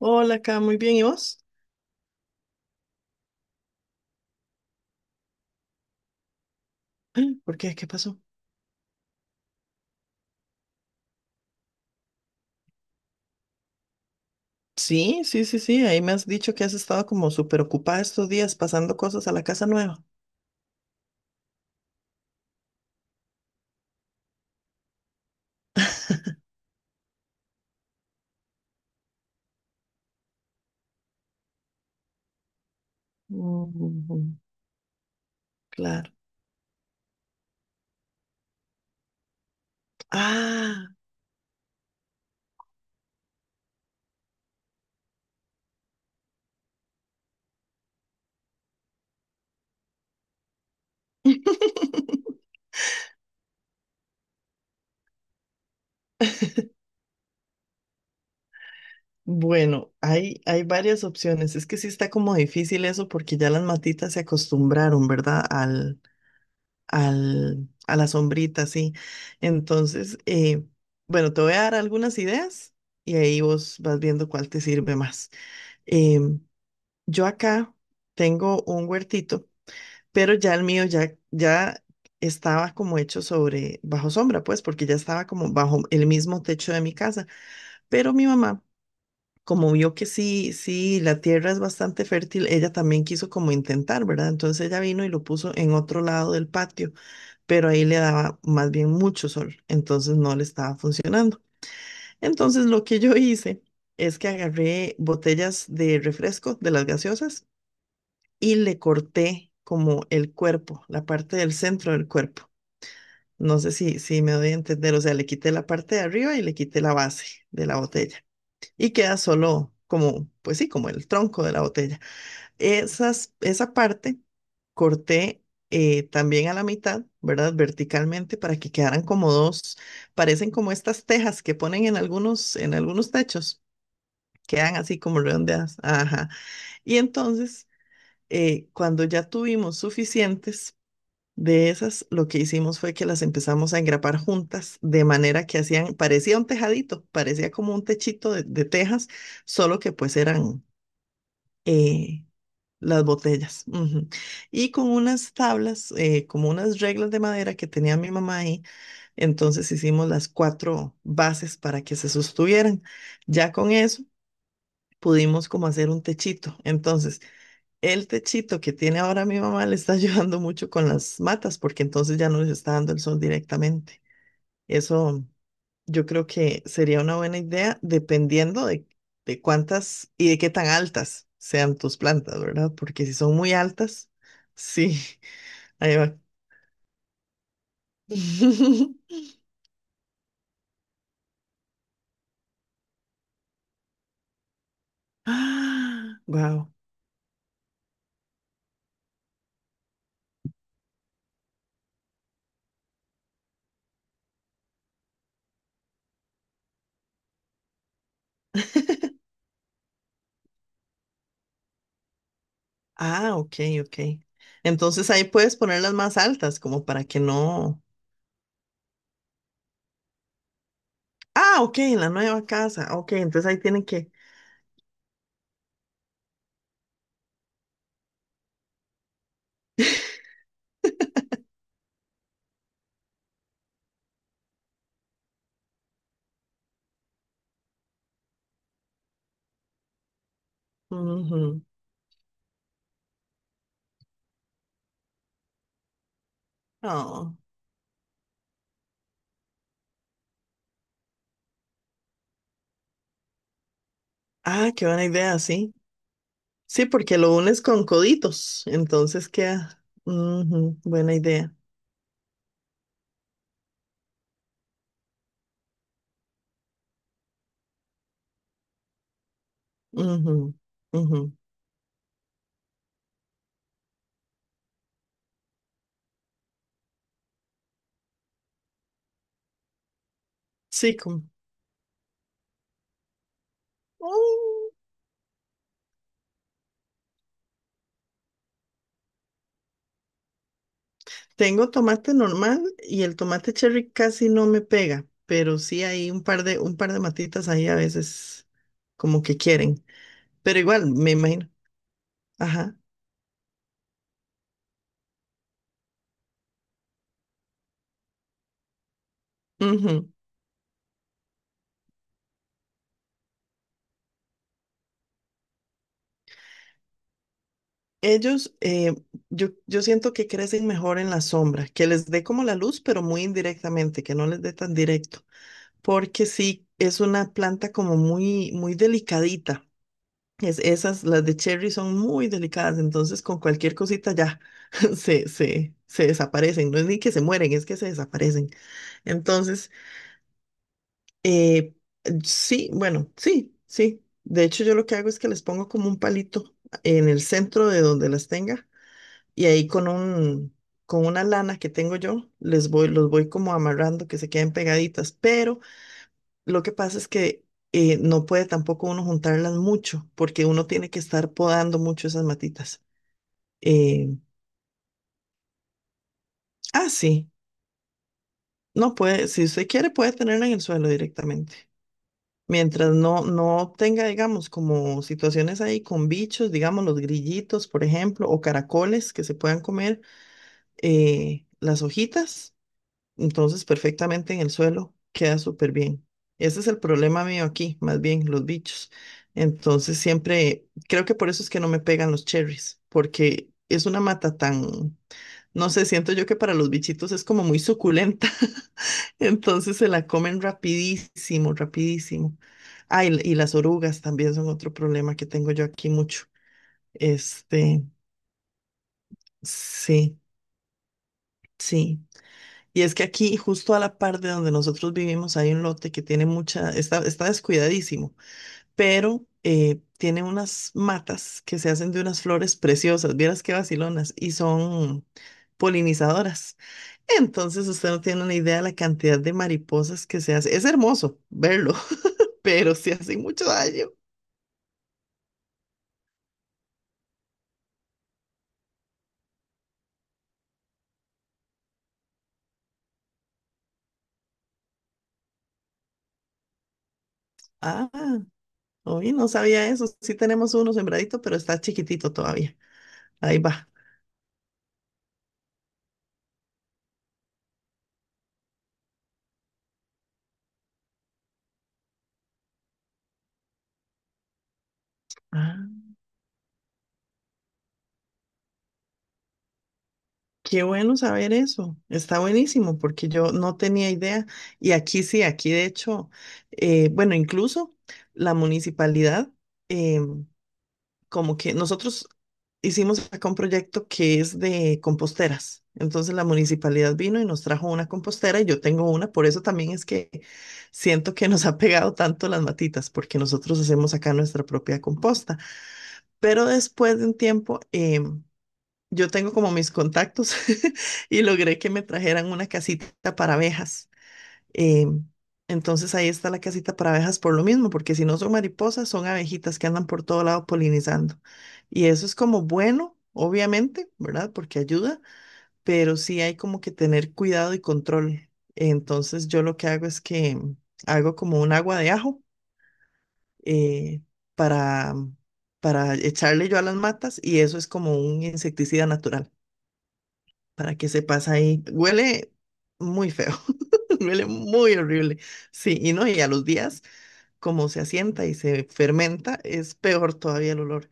Hola, acá, muy bien. ¿Y vos? Ay, ¿por qué? ¿Qué pasó? Sí, sí, sí, sí. Ahí me has dicho que has estado como súper ocupada estos días pasando cosas a la casa nueva. Ujú, claro. Ah, bueno, hay varias opciones. Es que sí está como difícil eso porque ya las matitas se acostumbraron, ¿verdad? A la sombrita, sí. Entonces, bueno, te voy a dar algunas ideas y ahí vos vas viendo cuál te sirve más. Em, Yo acá tengo un huertito, pero ya el mío ya estaba como hecho sobre bajo sombra, pues, porque ya estaba como bajo el mismo techo de mi casa. Pero mi mamá, como vio que la tierra es bastante fértil, ella también quiso como intentar, ¿verdad? Entonces ella vino y lo puso en otro lado del patio, pero ahí le daba más bien mucho sol, entonces no le estaba funcionando. Entonces lo que yo hice es que agarré botellas de refresco de las gaseosas y le corté como el cuerpo, la parte del centro del cuerpo. No sé si me doy a entender, o sea, le quité la parte de arriba y le quité la base de la botella y queda solo como, pues sí, como el tronco de la botella. Esa parte corté también a la mitad, ¿verdad? Verticalmente para que quedaran como dos, parecen como estas tejas que ponen en algunos techos, quedan así como redondeadas. Ajá. Y entonces, cuando ya tuvimos suficientes, de esas, lo que hicimos fue que las empezamos a engrapar juntas, de manera que hacían, parecía un tejadito, parecía como un techito de tejas, solo que pues eran eh, las botellas. Ujú. Y con unas tablas, como unas reglas de madera que tenía mi mamá ahí, entonces hicimos las cuatro bases para que se sostuvieran. Ya con eso pudimos como hacer un techito. Entonces, el techito que tiene ahora mi mamá le está ayudando mucho con las matas, porque entonces ya no les está dando el sol directamente. Eso yo creo que sería una buena idea, dependiendo de cuántas y de qué tan altas sean tus plantas, ¿verdad? Porque si son muy altas, sí, ahí va. Ah, wow. Ah, ok, ok. Entonces ahí puedes ponerlas más altas, como para que no. Ah, ok, en la nueva casa. Ok, entonces ahí tienen que. Ujú. Oh. Ah, qué buena idea, sí. Sí, porque lo unes con coditos, entonces queda. Ujú, buena idea. Ujú, ujú. Sí, como. Mm, Tengo tomate normal y el tomate cherry casi no me pega, pero sí hay un par de matitas ahí a veces como que quieren. Pero igual, me imagino. Ajá. Ujú. Ellos, yo siento que crecen mejor en la sombra, que les dé como la luz, pero muy indirectamente, que no les dé tan directo. Porque sí, es una planta como muy delicadita. Las de cherry son muy delicadas, entonces con cualquier cosita ya se desaparecen. No es ni que se mueren, es que se desaparecen. Entonces, eh, sí, bueno, sí. De hecho, yo lo que hago es que les pongo como un palito en el centro de donde las tenga y ahí con una lana que tengo yo, los voy como amarrando que se queden pegaditas, pero... Lo que pasa es que no puede tampoco uno juntarlas mucho, porque uno tiene que estar podando mucho esas matitas. Eh, ah, sí, si usted quiere, puede tenerla en el suelo directamente. Mientras no tenga, digamos, como situaciones ahí con bichos, digamos, los grillitos, por ejemplo, o caracoles que se puedan comer las hojitas, entonces, perfectamente en el suelo, queda súper bien. Ese es el problema mío aquí, más bien los bichos. Entonces, siempre, creo que por eso es que no me pegan los cherries, porque es una mata tan, no sé, siento yo que para los bichitos es como muy suculenta. Entonces se la comen rapidísimo, rapidísimo. Ah, y las orugas también son otro problema que tengo yo aquí mucho. Este, sí, sí. Y es que aquí, justo a la par de donde nosotros vivimos, hay un lote que tiene mucha, está descuidadísimo, pero tiene unas matas que se hacen de unas flores preciosas, vieras qué vacilonas, y son polinizadoras. Entonces usted no tiene una idea de la cantidad de mariposas que se hace. Es hermoso verlo, pero sí hace mucho daño. Ah, hoy no sabía eso. Sí tenemos uno sembradito, pero está chiquitito todavía. Ahí va. Qué bueno saber eso, está buenísimo porque yo no tenía idea y aquí sí, aquí de hecho, bueno, incluso la municipalidad, eh, como que nosotros hicimos acá un proyecto que es de composteras, entonces la municipalidad vino y nos trajo una compostera y yo tengo una, por eso también es que siento que nos ha pegado tanto las matitas porque nosotros hacemos acá nuestra propia composta, pero después de un tiempo... yo tengo como mis contactos y logré que me trajeran una casita para abejas. Em, entonces ahí está la casita para abejas por lo mismo, porque si no son mariposas, son abejitas que andan por todo lado polinizando. Y eso es como bueno, obviamente, ¿verdad? Porque ayuda, pero sí hay como que tener cuidado y control. Entonces yo lo que hago es que hago como un agua de ajo eh, para, para echarle yo a las matas y eso es como un insecticida natural para que sepas ahí. Huele muy feo, huele muy horrible. Sí, y no, y a los días, como se asienta y se fermenta, es peor todavía el olor,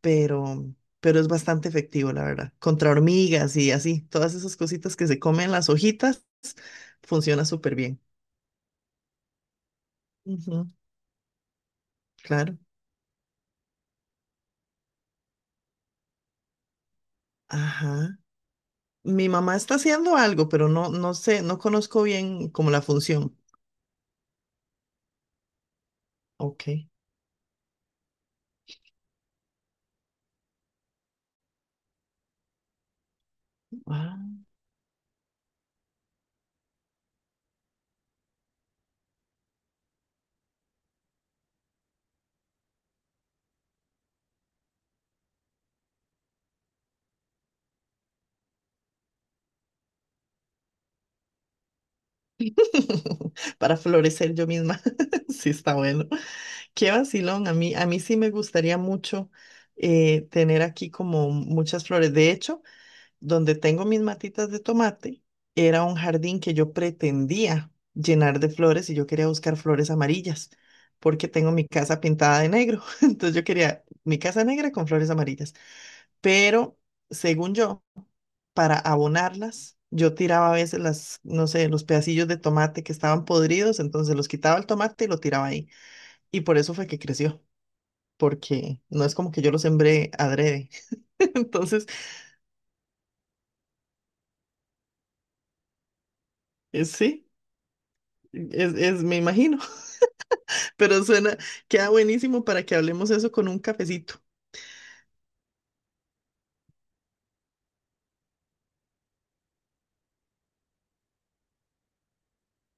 pero, pero es bastante efectivo, la verdad. Contra hormigas y así, todas esas cositas que se comen las hojitas, funciona súper bien. Ujú, claro. Ajá. Mi mamá está haciendo algo, pero no sé, no conozco bien como la función. Ok. Ah. Para florecer yo misma. Sí, está bueno. Qué vacilón, a mí sí me gustaría mucho tener aquí como muchas flores. De hecho, donde tengo mis matitas de tomate, era un jardín que yo pretendía llenar de flores y yo quería buscar flores amarillas, porque tengo mi casa pintada de negro. Entonces yo quería mi casa negra con flores amarillas. Pero según yo, para abonarlas, yo tiraba a veces las, no sé, los pedacillos de tomate que estaban podridos, entonces los quitaba el tomate y lo tiraba ahí. Y por eso fue que creció porque no es como que yo lo sembré adrede. Entonces, sí, es, me imagino, pero suena, queda buenísimo para que hablemos eso con un cafecito.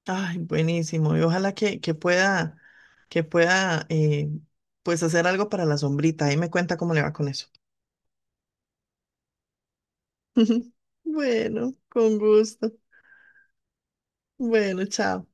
Ay, buenísimo. Y ojalá que pueda, que pueda, eh, pues hacer algo para la sombrita. Ahí me cuenta cómo le va con eso. Bueno, con gusto. Bueno, chao.